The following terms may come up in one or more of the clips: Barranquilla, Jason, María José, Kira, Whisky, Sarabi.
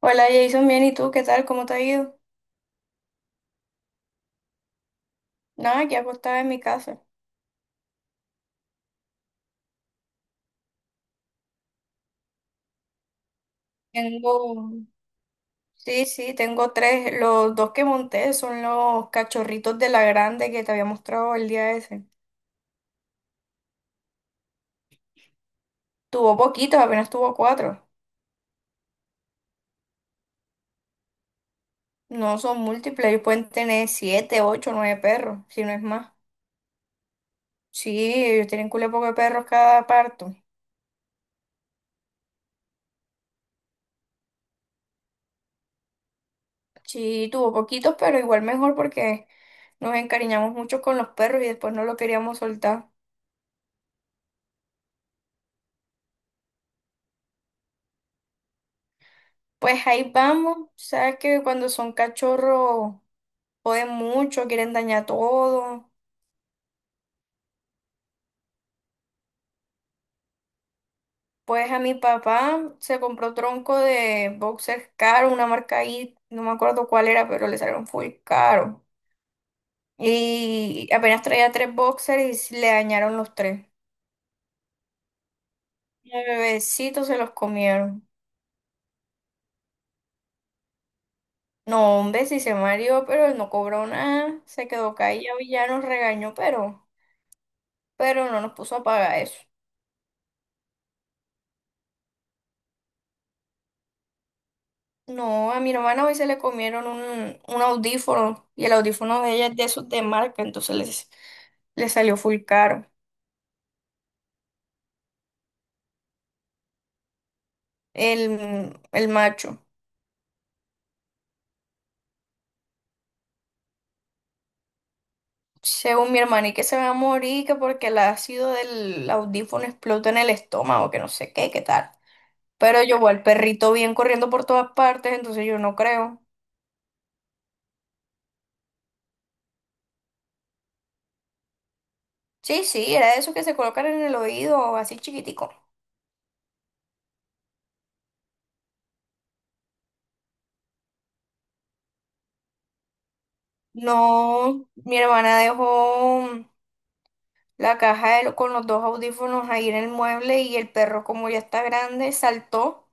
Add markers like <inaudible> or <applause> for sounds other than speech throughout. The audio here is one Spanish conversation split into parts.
Hola Jason, bien, ¿y tú qué tal? ¿Cómo te ha ido? Nada, aquí acostada en mi casa. Tengo, sí, sí, tengo tres. Los dos que monté son los cachorritos de la grande que te había mostrado el día ese. Tuvo poquitos, apenas tuvo cuatro. No son múltiples, ellos pueden tener siete, ocho, nueve perros, si no es más. Sí, ellos tienen culo poco de perros cada parto. Sí, tuvo poquitos, pero igual mejor porque nos encariñamos mucho con los perros y después no lo queríamos soltar. Pues ahí vamos. Sabes que cuando son cachorros joden mucho, quieren dañar todo. Pues a mi papá se compró tronco de boxers caro, una marca ahí, no me acuerdo cuál era, pero le salieron full caro. Y apenas traía tres boxers y le dañaron los tres. Y al bebecito se los comieron. No, hombre, sí se mareó, pero él no cobró nada. Se quedó callado y ya nos regañó, pero no nos puso a pagar eso. No, a mi hermana hoy se le comieron un audífono y el audífono de ella es de esos de marca, entonces le salió full caro el macho. Según mi hermana, y que se va a morir, que porque el ácido del audífono explota en el estómago, que no sé qué, qué tal. Pero yo voy al perrito bien corriendo por todas partes, entonces yo no creo. Sí, sí, era de esos que se colocan en el oído, así chiquitico. No, mi hermana dejó. La caja de con los dos audífonos ahí en el mueble y el perro, como ya está grande, saltó,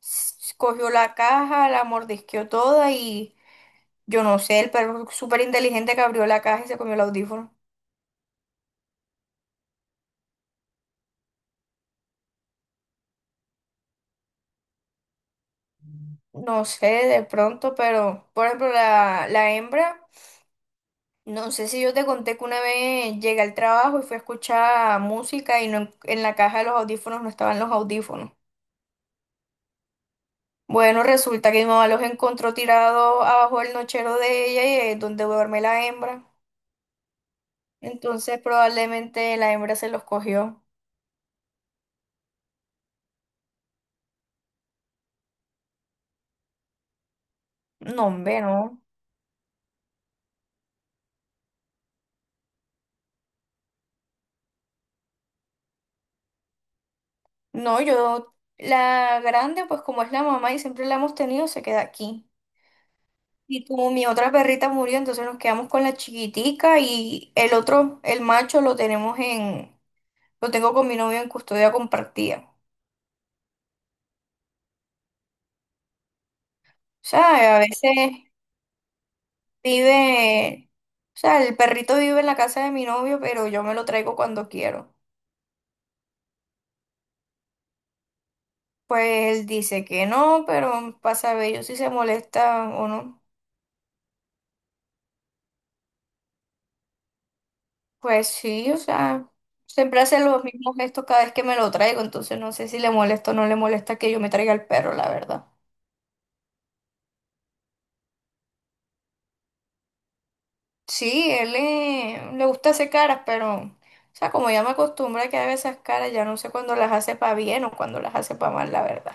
cogió la caja, la mordisqueó toda y yo no sé, el perro súper inteligente que abrió la caja y se comió el audífono. No sé, de pronto, pero por ejemplo, la hembra, no sé si yo te conté que una vez llegué al trabajo y fui a escuchar música y no, en la caja de los audífonos no estaban los audífonos. Bueno, resulta que mi mamá los encontró tirados abajo del nochero de ella y es donde duerme la hembra. Entonces probablemente la hembra se los cogió. No, hombre, no. No, yo, la grande, pues como es la mamá y siempre la hemos tenido, se queda aquí. Y como mi otra perrita murió, entonces nos quedamos con la chiquitica y el otro, el macho, lo tenemos en, lo tengo con mi novio en custodia compartida. O sea, a veces vive, o sea, el perrito vive en la casa de mi novio, pero yo me lo traigo cuando quiero. Pues él dice que no, pero pasa a ver yo si se molesta o no. Pues sí, o sea, siempre hace los mismos gestos cada vez que me lo traigo, entonces no sé si le molesta o no le molesta que yo me traiga el perro, la verdad. Sí, él le gusta hacer caras, pero, o sea, como ya me acostumbra a que haga esas caras, ya no sé cuándo las hace para bien o cuando las hace para mal, la verdad.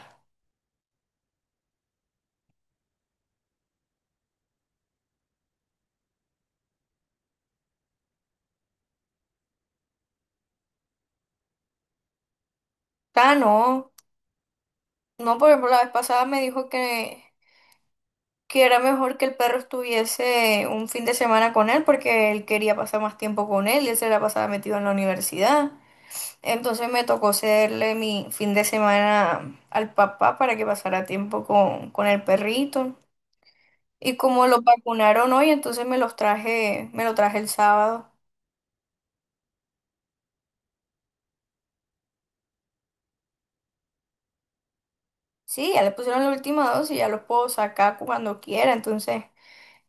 Ah, no. No, por ejemplo, la vez pasada me dijo que era mejor que el perro estuviese un fin de semana con él porque él quería pasar más tiempo con él y él se la pasaba metido en la universidad. Entonces me tocó cederle mi fin de semana al papá para que pasara tiempo con el perrito. Y como lo vacunaron hoy, entonces me lo traje el sábado. Sí, ya le pusieron la última dosis, ya los puedo sacar cuando quiera, entonces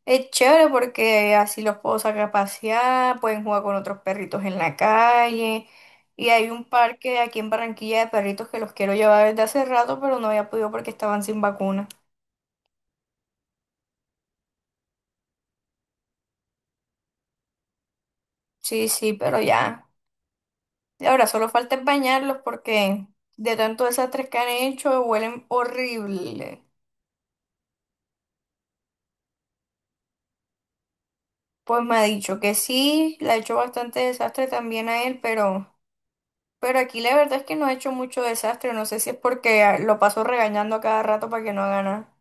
es chévere porque así los puedo sacar a pasear, pueden jugar con otros perritos en la calle. Y hay un parque aquí en Barranquilla de perritos que los quiero llevar desde hace rato, pero no había podido porque estaban sin vacuna. Sí, sí, pero ya. Y ahora solo falta es bañarlos porque de tanto desastres que han hecho huelen horrible. Pues me ha dicho que sí, le ha hecho bastante desastre también a él, pero aquí la verdad es que no ha hecho mucho desastre. No sé si es porque ah, lo paso regañando a cada rato para que no haga nada.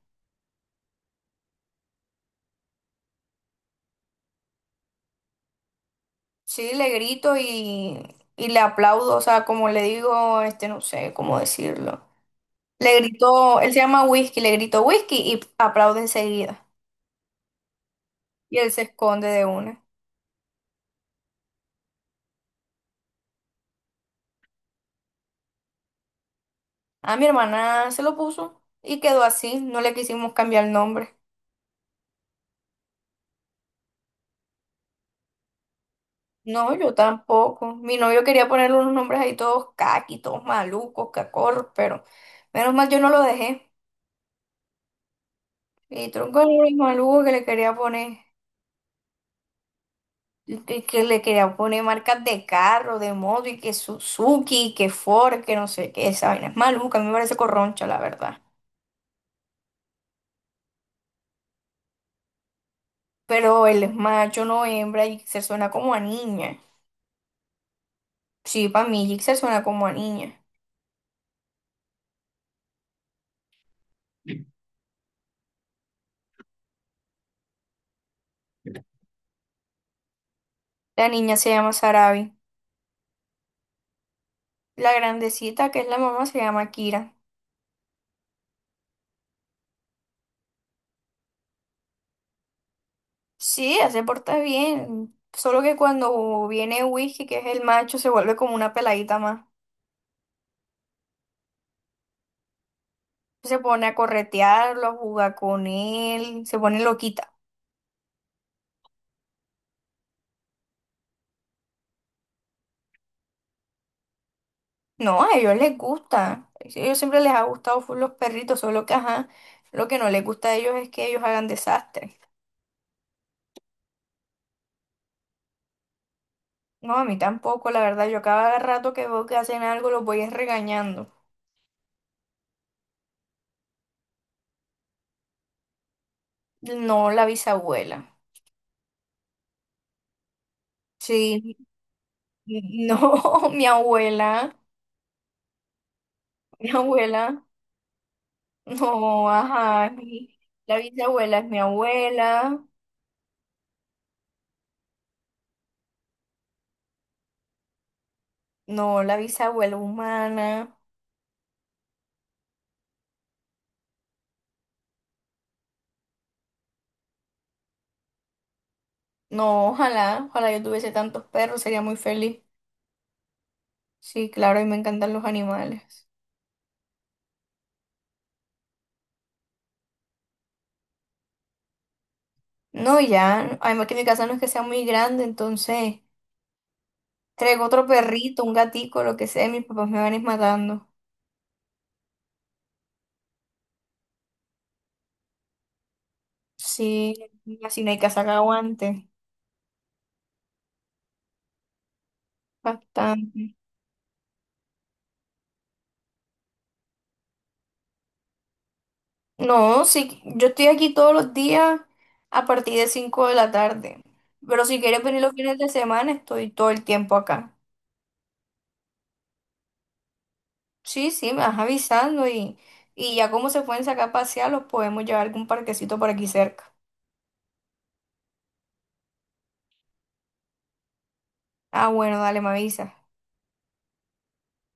Sí, le grito y le aplaudo, o sea, como le digo, este, no sé cómo decirlo. Le gritó, él se llama Whisky, le gritó Whisky y aplaude enseguida. Y él se esconde de una. A mi hermana se lo puso y quedó así, no le quisimos cambiar el nombre. No, yo tampoco. Mi novio quería ponerle unos nombres ahí todos caqui, todos malucos, cacorros, pero menos mal yo no lo dejé. Y tronco el nombre maluco que le quería poner. Y que le querían poner marcas de carro, de moto, y que Suzuki, que Ford, que no sé qué, esa vaina es maluca, a mí me parece corroncha, la verdad. Pero él es macho, no hembra, y se suena como a niña. Sí, para mí Jixer suena como a niña. La niña se llama Sarabi. La grandecita, que es la mamá, se llama Kira. Sí, ella se porta bien. Solo que cuando viene Whisky, que es el macho, se vuelve como una peladita más. Se pone a corretearlo, a jugar con él, se pone loquita. No, a ellos les gusta. A ellos siempre les ha gustado full los perritos, solo que ajá, lo que no les gusta a ellos es que ellos hagan desastre. No, a mí tampoco, la verdad, yo cada rato que veo que hacen algo los voy es regañando. No, la bisabuela. Sí, no, <laughs> mi abuela, no, ajá, la bisabuela es mi abuela, no, la bisabuela humana, no, ojalá, ojalá yo tuviese tantos perros, sería muy feliz. Sí, claro, y me encantan los animales. No, ya, además que mi casa no es que sea muy grande, entonces traigo otro perrito, un gatico, lo que sea, y mis papás me van a ir matando. Sí, así no hay casa que aguante. Bastante. No, sí, yo estoy aquí todos los días a partir de 5 de la tarde, pero si quieres venir los fines de semana, estoy todo el tiempo acá. Sí, sí, me vas avisando y ya como se pueden sacar a pasear, los podemos llevar a algún parquecito por aquí cerca. Ah, bueno, dale, me avisa.